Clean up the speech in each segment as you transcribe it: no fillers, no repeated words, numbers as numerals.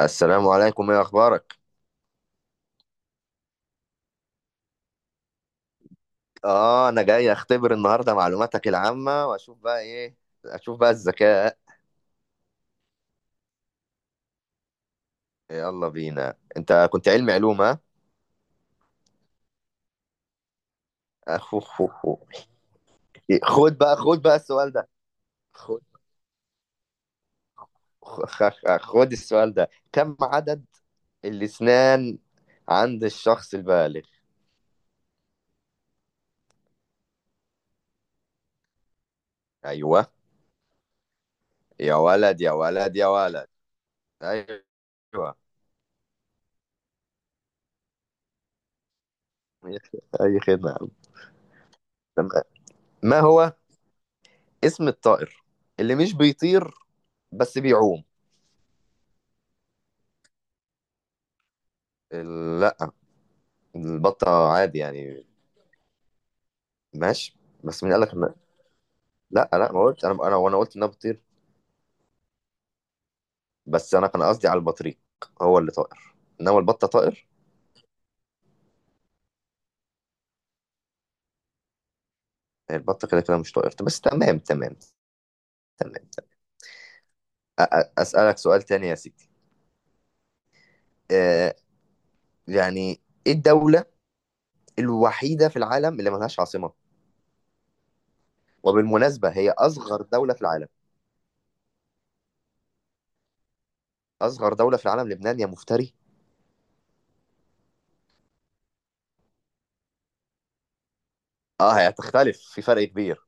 السلام عليكم، ايه اخبارك؟ اه انا جاي اختبر النهارده معلوماتك العامه واشوف بقى ايه. اشوف بقى الذكاء. يلا بينا، انت كنت علمي علوم ها؟ أخو- خو- خو. خد بقى السؤال ده. خد. خد السؤال ده، كم عدد الاسنان عند الشخص البالغ؟ ايوه. يا ولد، يا ولد، يا ولد! ايوه. اي خدمه يا عم. تمام. ما هو اسم الطائر اللي مش بيطير بس بيعوم؟ ال- البطة عادي يعني. ماشي. بس مين قال لك ان لا، لا، ما قلت، انا وانا قلت انها بتطير. بس انا كان قصدي على البطريق. هو اللي طائر، انما البطة طائر. هي البطة كده كده مش طائر، بس تمام تمام. تمام، تمام. اسألك سؤال تاني يا سيدي. آه يعني، ايه الدولة الوحيدة في العالم اللي ملهاش عاصمة؟ وبالمناسبة هي اصغر دولة في العالم. اصغر دولة في العالم لبنان يا مفتري؟ اه هي هتختلف في فرق كبير.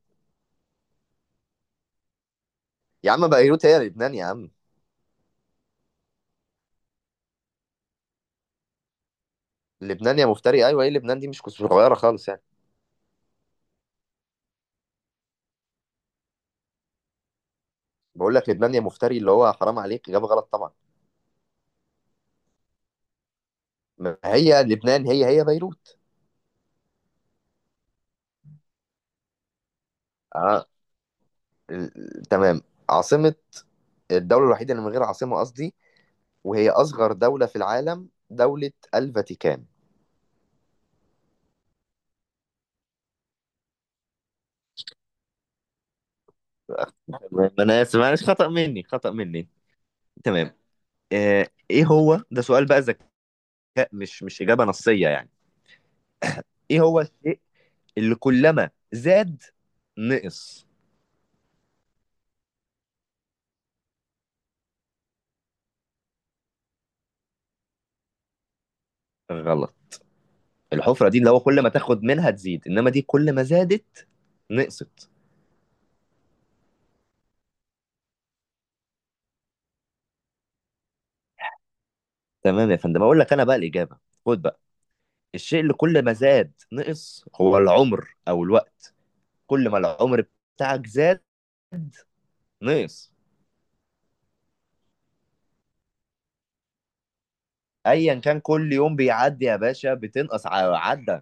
يا عم، بيروت هي لبنان يا عم. لبنان يا مفتري، ايوه، ايه لبنان دي مش صغيرة خالص يعني. بقول لك لبنان يا مفتري، اللي هو حرام عليك، إجابة غلط طبعا. ما هي لبنان هي بيروت. آه تمام. عاصمة الدولة الوحيدة اللي من غير عاصمة قصدي، وهي أصغر دولة في العالم، دولة الفاتيكان. تمام، أنا آسف، معلش، خطأ مني، خطأ مني. تمام. إيه، هو ده سؤال بقى ذكاء، مش إجابة نصية يعني. إيه هو الشيء اللي كلما زاد نقص؟ غلط. الحفرة دي اللي هو كل ما تاخد منها تزيد، إنما دي كل ما زادت نقصت. تمام يا فندم، اقول لك انا بقى الاجابه. خد بقى. الشيء اللي كل ما زاد نقص هو العمر او الوقت. كل ما العمر بتاعك زاد نقص. ايا كان، كل يوم بيعدي يا باشا بتنقص، عدى.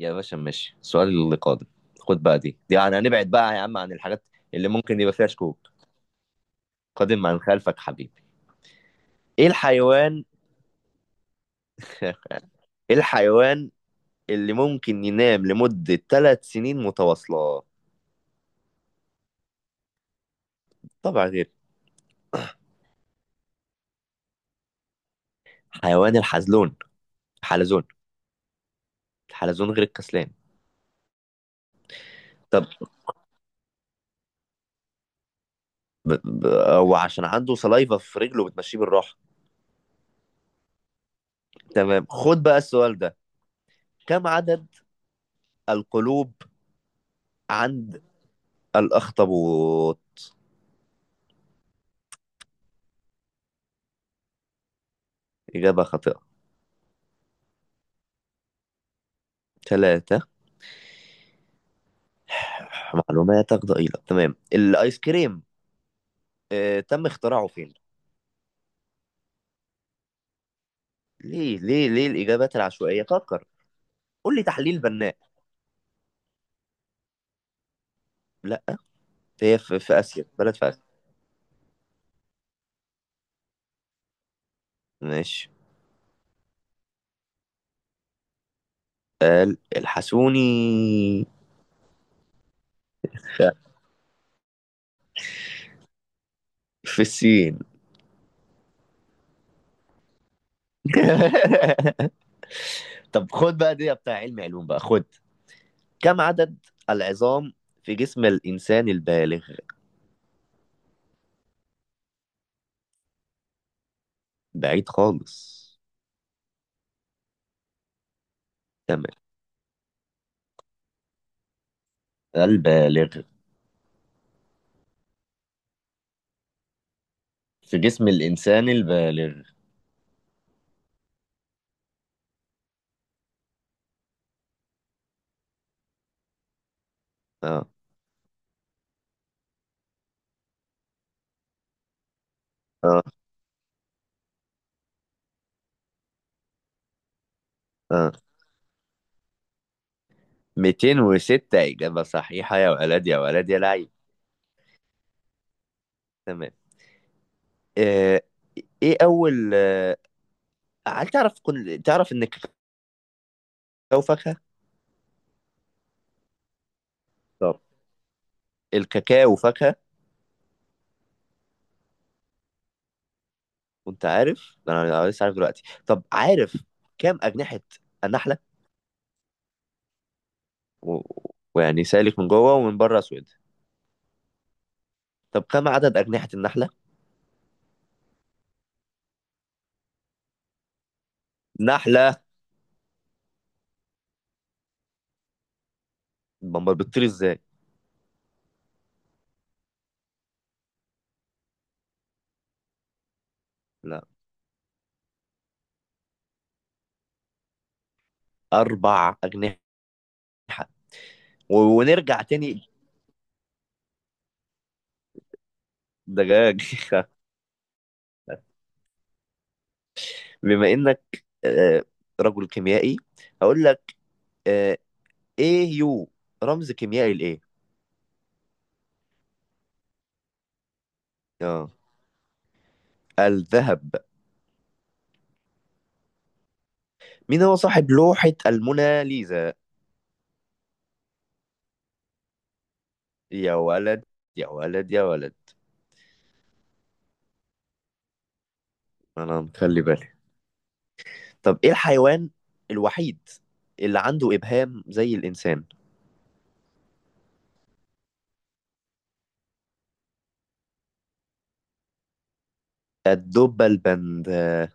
يا باشا، ماشي، السؤال اللي قادم. خد بقى، دي يعني هنبعد بقى يا عم عن الحاجات اللي ممكن يبقى فيها شكوك. قادم عن خلفك حبيبي. ايه الحيوان. ايه الحيوان اللي ممكن ينام لمدة 3 سنين متواصلة؟ طبعا غير. حيوان الحلزون. حلزون. الحلزون غير الكسلان. طب ب... ب... هو عشان عنده سلايفا في رجله بتمشيه بالراحه. تمام، خد بقى السؤال ده. كم عدد القلوب عند الأخطبوط؟ إجابة خاطئة. ثلاثة. معلوماتك ضئيلة. تمام، الآيس كريم. تم اختراعه فين؟ ليه، ليه، ليه الإجابات العشوائية؟ فكر. قول لي تحليل بناء. لا، هي في آسيا، بلد في آسيا. ماشي. قال الحسوني. في الصين. طب خد بقى، دي بتاع علم علوم بقى، خد. كم عدد العظام في جسم الإنسان البالغ؟ بعيد خالص. تمام. البالغ. في جسم الإنسان البالغ. اه. اه. اه. 206 إجابة صحيحة، يا ولد، يا ولد، يا لعيب! تمام. آه إيه أول هل تعرف تعرف إن الكاكاو فاكهة؟ طب، الكاكاو فاكهة. كنت عارف؟ أنا لسه عارف دلوقتي. طب عارف كام أجنحة النحلة؟ و... ويعني سالك من جوه ومن بره اسود. طب كم عدد اجنحه النحله؟ نحله. بمبار بتطير ازاي؟ لا، اربع اجنحه. ونرجع تاني. دجاج. بما انك رجل كيميائي هقول لك. آه، ايه يو رمز كيميائي لايه؟ اه، الذهب. مين هو صاحب لوحة الموناليزا؟ يا ولد، يا ولد، يا ولد! انا مخلي بالي. طب ايه الحيوان الوحيد اللي عنده ابهام زي الانسان؟ الدب البند.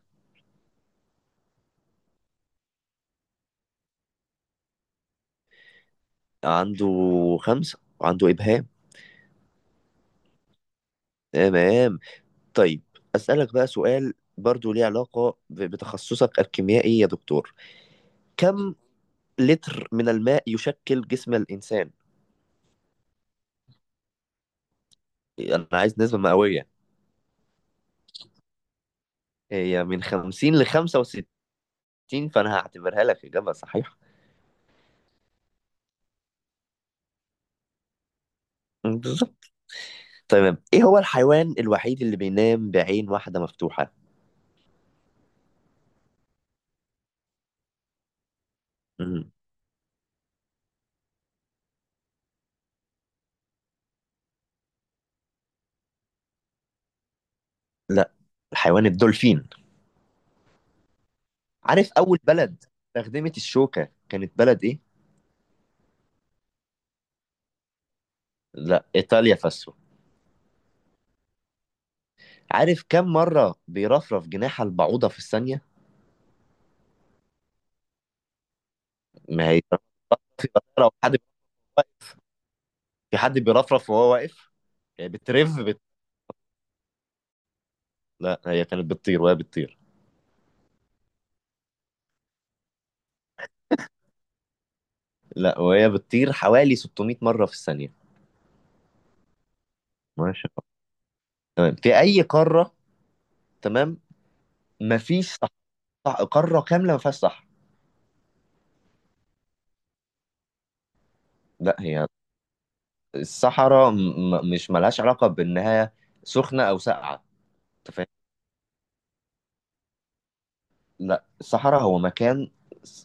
عنده 5 وعنده إبهام. تمام. طيب، أسألك بقى سؤال برضو ليه علاقة بتخصصك الكيميائي يا دكتور. كم لتر من الماء يشكل جسم الإنسان؟ أنا عايز نسبة مئوية. هي من 50 ل 65، فأنا هعتبرها لك إجابة صحيحة. بالظبط. تمام، إيه هو الحيوان الوحيد اللي بينام بعين واحدة مفتوحة؟ مم. لا، الحيوان الدولفين. عارف أول بلد استخدمت الشوكة كانت بلد إيه؟ لا، ايطاليا فاسو. عارف كم مره بيرفرف جناح البعوضه في الثانيه؟ ما هي لو حد، في حد بيرفرف وهو واقف، يعني بترف لا هي كانت بتطير، وهي بتطير. لا، وهي بتطير حوالي 600 مره في الثانيه. ما شاء الله. تمام، في اي قاره. تمام. مفيش صح... قاره كامله ما فيهاش صحراء. لا، هي الصحراء مش ملهاش علاقه بانها سخنه او ساقعه. انت، لا الصحراء هو مكان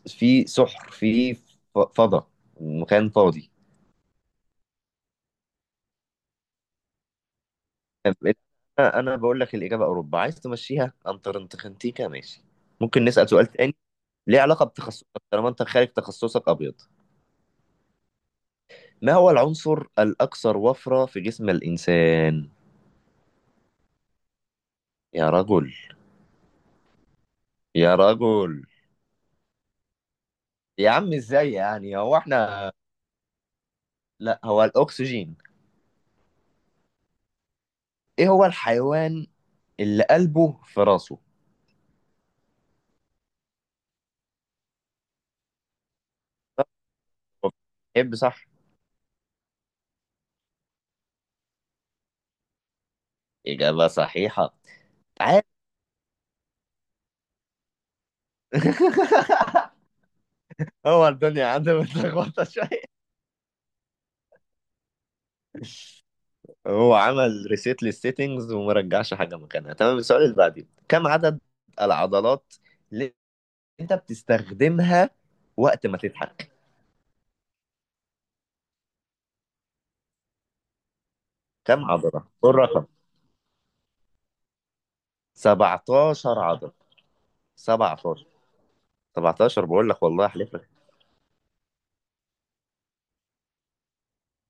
فيه سحر، فيه فضاء، مكان فاضي. طب انا بقول لك الاجابه اوروبا، عايز تمشيها انتر انتخنتيكا، ماشي. ممكن نسال سؤال تاني ليه علاقه بتخصصك، طالما انت خارج تخصصك ابيض. ما هو العنصر الاكثر وفره في جسم الانسان؟ يا رجل! يا رجل! يا عم ازاي يعني هو احنا. لا، هو الاكسجين. ايه هو الحيوان اللي قلبه في راسه؟ يحب صح. اجابه صحيحه. تعال. هو الدنيا عنده متلخبطه شويه. هو عمل ريسيت للسيتنجز وما رجعش حاجه مكانها. تمام، السؤال اللي بعديه، كم عدد العضلات اللي انت بتستخدمها وقت ما تضحك؟ كم عضله، قول الرقم. 17 عضله. 17. 17 بقول لك، والله احلف لك.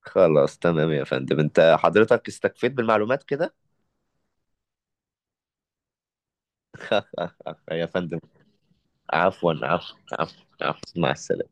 خلاص، تمام يا فندم، انت حضرتك استكفيت بالمعلومات كده. يا فندم. عفوا، عفوا، عفوا، عفوا، مع السلامه.